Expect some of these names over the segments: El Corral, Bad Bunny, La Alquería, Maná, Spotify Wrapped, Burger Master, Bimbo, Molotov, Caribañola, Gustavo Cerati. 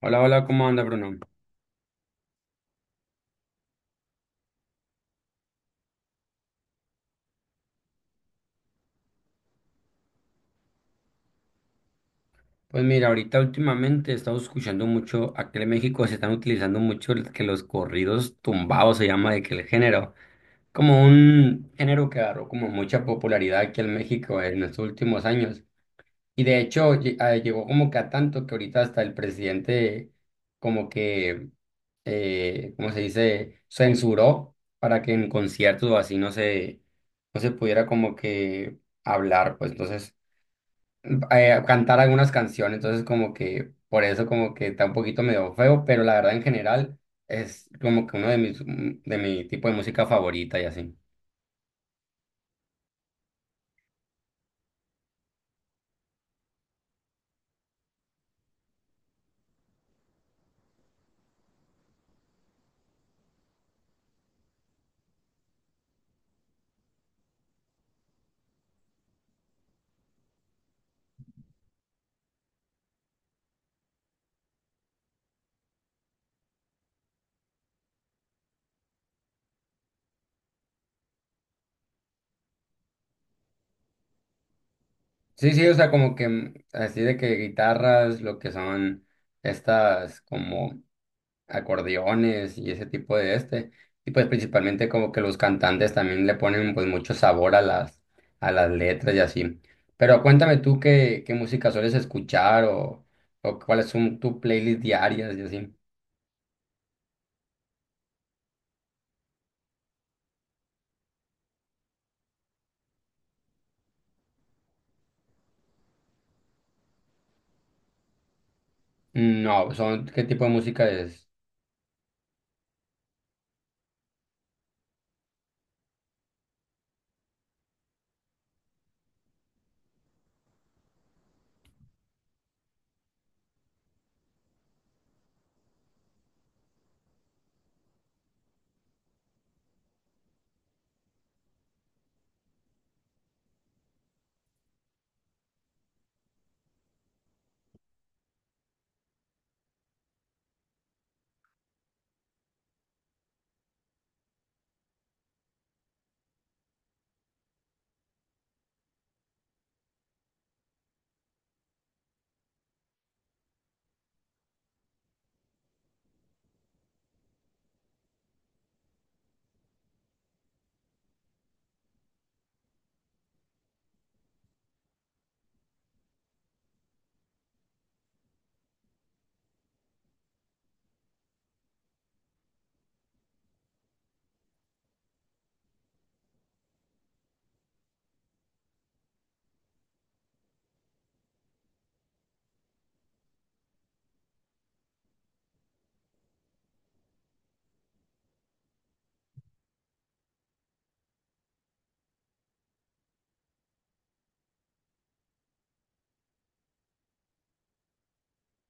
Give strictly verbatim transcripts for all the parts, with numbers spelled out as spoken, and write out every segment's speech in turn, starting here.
Hola, hola, ¿cómo anda Bruno? Pues mira, ahorita últimamente he estado escuchando mucho, aquí en México se están utilizando mucho el- que los corridos tumbados se llama de que el género, como un género que agarró como mucha popularidad aquí en México en estos últimos años. Y de hecho lle- ah, llegó como que a tanto que ahorita hasta el presidente como que, eh, ¿cómo se dice? Censuró para que en conciertos o así no se, no se pudiera como que hablar, pues entonces, eh, cantar algunas canciones, entonces como que por eso como que está un poquito medio feo, pero la verdad en general es como que uno de mis, de mi tipo de música favorita y así. Sí, sí, o sea, como que mm, así de que guitarras, lo que son estas como acordeones y ese tipo de este. Y pues principalmente como que los cantantes también le ponen pues mucho sabor a las, a las letras y así. Pero cuéntame tú qué, qué música sueles escuchar o, o cuáles son tus playlists diarias y así. No, son, ¿qué tipo de música es?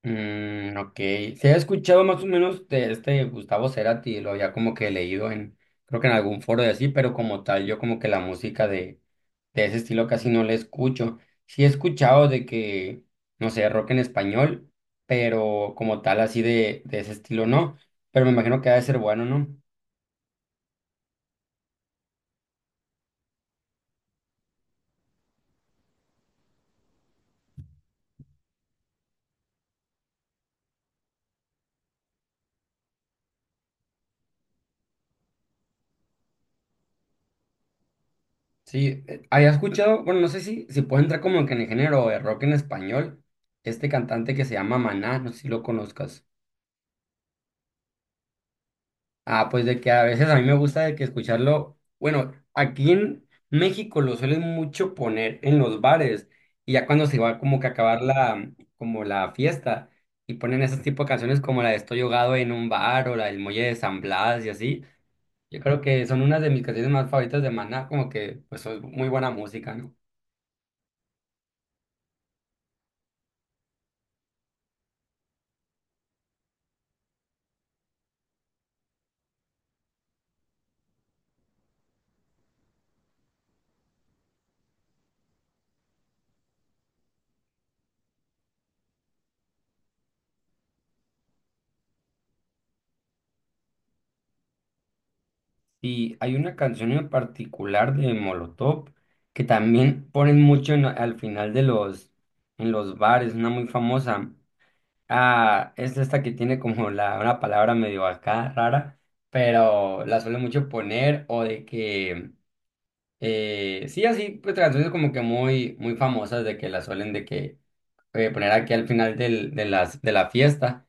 Mm, ok. Se ha escuchado más o menos de este Gustavo Cerati, lo había como que leído en, creo que en algún foro de así, pero como tal, yo como que la música de, de ese estilo casi no la escucho. Sí he escuchado de que, no sé, rock en español, pero como tal, así de, de ese estilo no. Pero me imagino que ha de ser bueno, ¿no? Sí, eh, había escuchado, bueno, no sé si, si puede entrar como que en el género de rock en español, este cantante que se llama Maná, no sé si lo conozcas. Ah, pues de que a veces a mí me gusta de que escucharlo. Bueno, aquí en México lo suelen mucho poner en los bares y ya cuando se va como que a acabar la como la fiesta y ponen ese tipo de canciones como la de Estoy ahogado en un bar o la del Muelle de San Blas y así. Yo creo que son unas de mis canciones más favoritas de Maná, como que pues es muy buena música, ¿no? Y hay una canción en particular de Molotov que también ponen mucho en- al final de los en los bares, una muy famosa. Ah, es esta que tiene como la, una palabra medio acá rara, pero la suele mucho poner o de que, eh, sí, así, pues canciones como que muy, muy famosas de que la suelen de que eh, poner aquí al final del, de las, de la fiesta.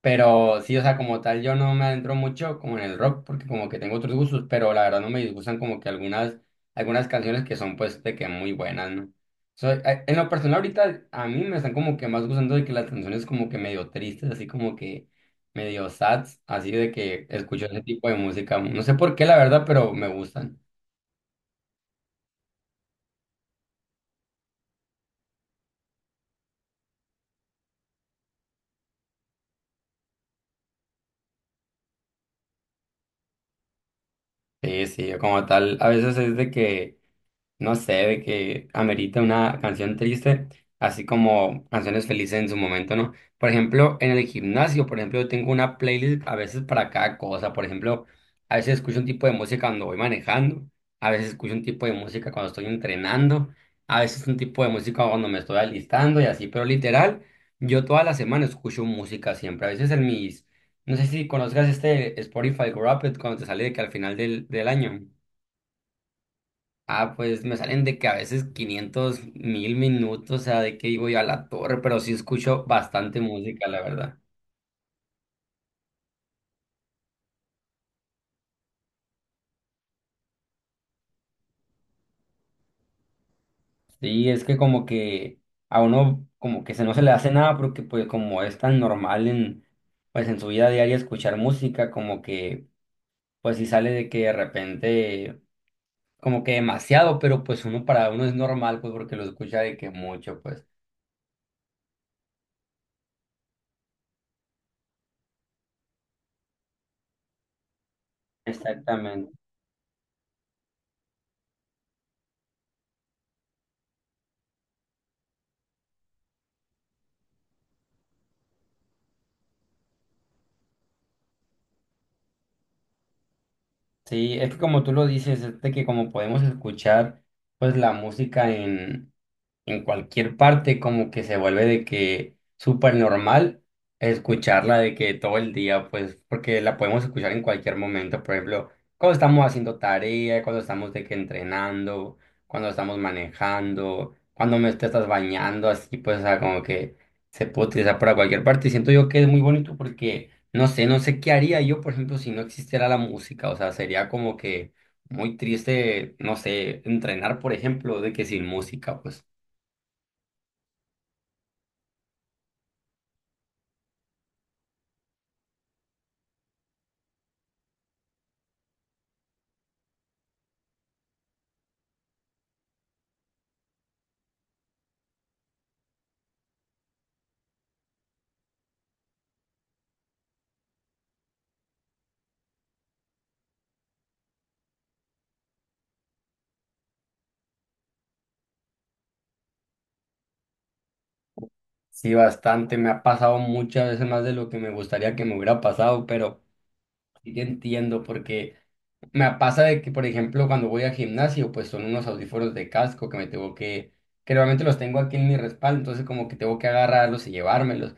Pero sí, o sea, como tal, yo no me adentro mucho como en el rock, porque como que tengo otros gustos, pero la verdad no me disgustan como que algunas, algunas canciones que son pues de que muy buenas, ¿no? So, eh, en lo personal ahorita a mí me están como que más gustando de que las canciones como que medio tristes, así como que medio sads, así de que escucho ese tipo de música. No sé por qué, la verdad, pero me gustan. Sí, sí, como tal, a veces es de que no sé, de que amerita una canción triste, así como canciones felices en su momento, ¿no? Por ejemplo, en el gimnasio, por ejemplo, yo tengo una playlist a veces para cada cosa. Por ejemplo, a veces escucho un tipo de música cuando voy manejando, a veces escucho un tipo de música cuando estoy entrenando, a veces un tipo de música cuando me estoy alistando y así, pero literal, yo toda la semana escucho música siempre. A veces en mis, no sé si conozcas este Spotify Wrapped cuando te sale de que al final del, del año. Ah, pues me salen de que a veces quinientos mil minutos, o sea, de que digo yo a la torre, pero sí escucho bastante música, la verdad. Sí, es que como que a uno como que se no se le hace nada porque pues como es tan normal en pues en su vida diaria escuchar música, como que pues sí sale de que de repente como que demasiado, pero pues uno para uno es normal pues porque lo escucha de que mucho, pues. Exactamente. Sí, es que como tú lo dices, es de que como podemos escuchar pues la música en en cualquier parte como que se vuelve de que súper normal escucharla de que todo el día, pues porque la podemos escuchar en cualquier momento, por ejemplo, cuando estamos haciendo tarea, cuando estamos de que entrenando, cuando estamos manejando, cuando me te estás bañando, así pues, o sea, como que se puede utilizar para cualquier parte y siento yo que es muy bonito porque no sé, no sé qué haría yo, por ejemplo, si no existiera la música, o sea, sería como que muy triste, no sé, entrenar, por ejemplo, de que sin música, pues. Sí, bastante. Me ha pasado muchas veces más de lo que me gustaría que me hubiera pasado, pero sí que entiendo porque me pasa de que, por ejemplo, cuando voy al gimnasio, pues son unos audífonos de casco que me tengo que, que normalmente los tengo aquí en mi respaldo, entonces como que tengo que agarrarlos y llevármelos,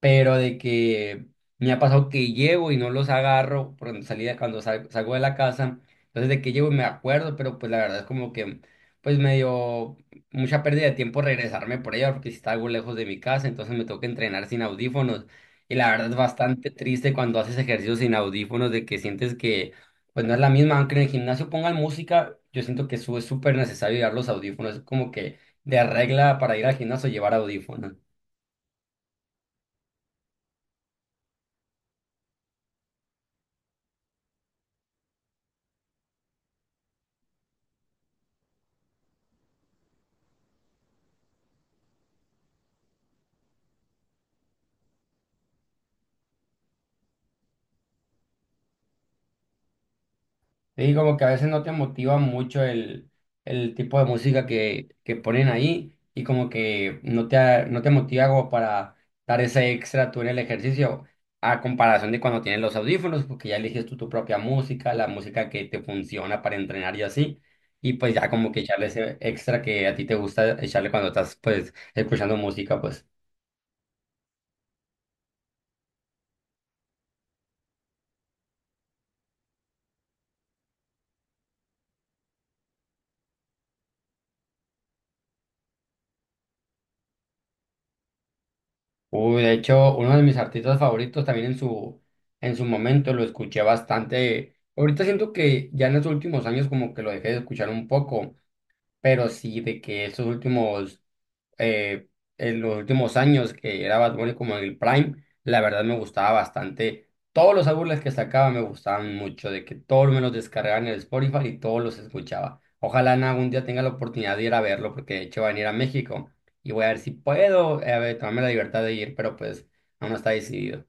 pero de que me ha pasado que llevo y no los agarro por cuando salí, de- cuando sal- salgo de la casa, entonces de que llevo y me acuerdo, pero pues la verdad es como que pues me dio mucha pérdida de tiempo regresarme por ella porque si está algo lejos de mi casa, entonces me toca entrenar sin audífonos y la verdad es bastante triste cuando haces ejercicio sin audífonos de que sientes que pues no es la misma, aunque en el gimnasio pongan música, yo siento que eso es súper necesario llevar los audífonos, es como que de regla para ir al gimnasio llevar audífonos. Sí, como que a veces no te motiva mucho el, el tipo de música que, que ponen ahí y como que no te, no te motiva como para dar ese extra tú en el ejercicio a comparación de cuando tienes los audífonos, porque ya eliges tú tu propia música, la música que te funciona para entrenar y así, y pues ya como que echarle ese extra que a ti te gusta echarle cuando estás pues escuchando música, pues. Uy, de hecho, uno de mis artistas favoritos también en su, en su momento lo escuché bastante. Ahorita siento que ya en los últimos años como que lo dejé de escuchar un poco, pero sí de que estos últimos eh, en los últimos años que era Bad Bunny como en el Prime, la verdad me gustaba bastante. Todos los álbumes que sacaba me gustaban mucho, de que todos me los descargaban en el Spotify y todos los escuchaba. Ojalá en algún día tenga la oportunidad de ir a verlo, porque de hecho va a venir a México y voy a ver si puedo, eh, a ver, tomarme la libertad de ir, pero pues aún no está decidido.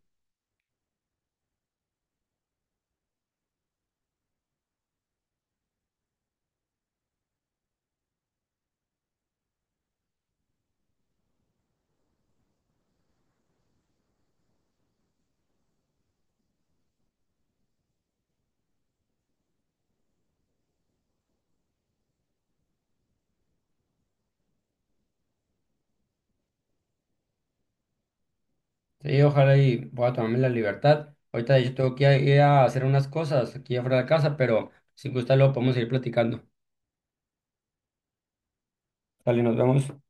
Sí, ojalá y pueda tomarme la libertad. Ahorita de hecho tengo que ir a hacer unas cosas aquí afuera de la casa, pero si gusta luego podemos seguir platicando. Dale, nos vemos.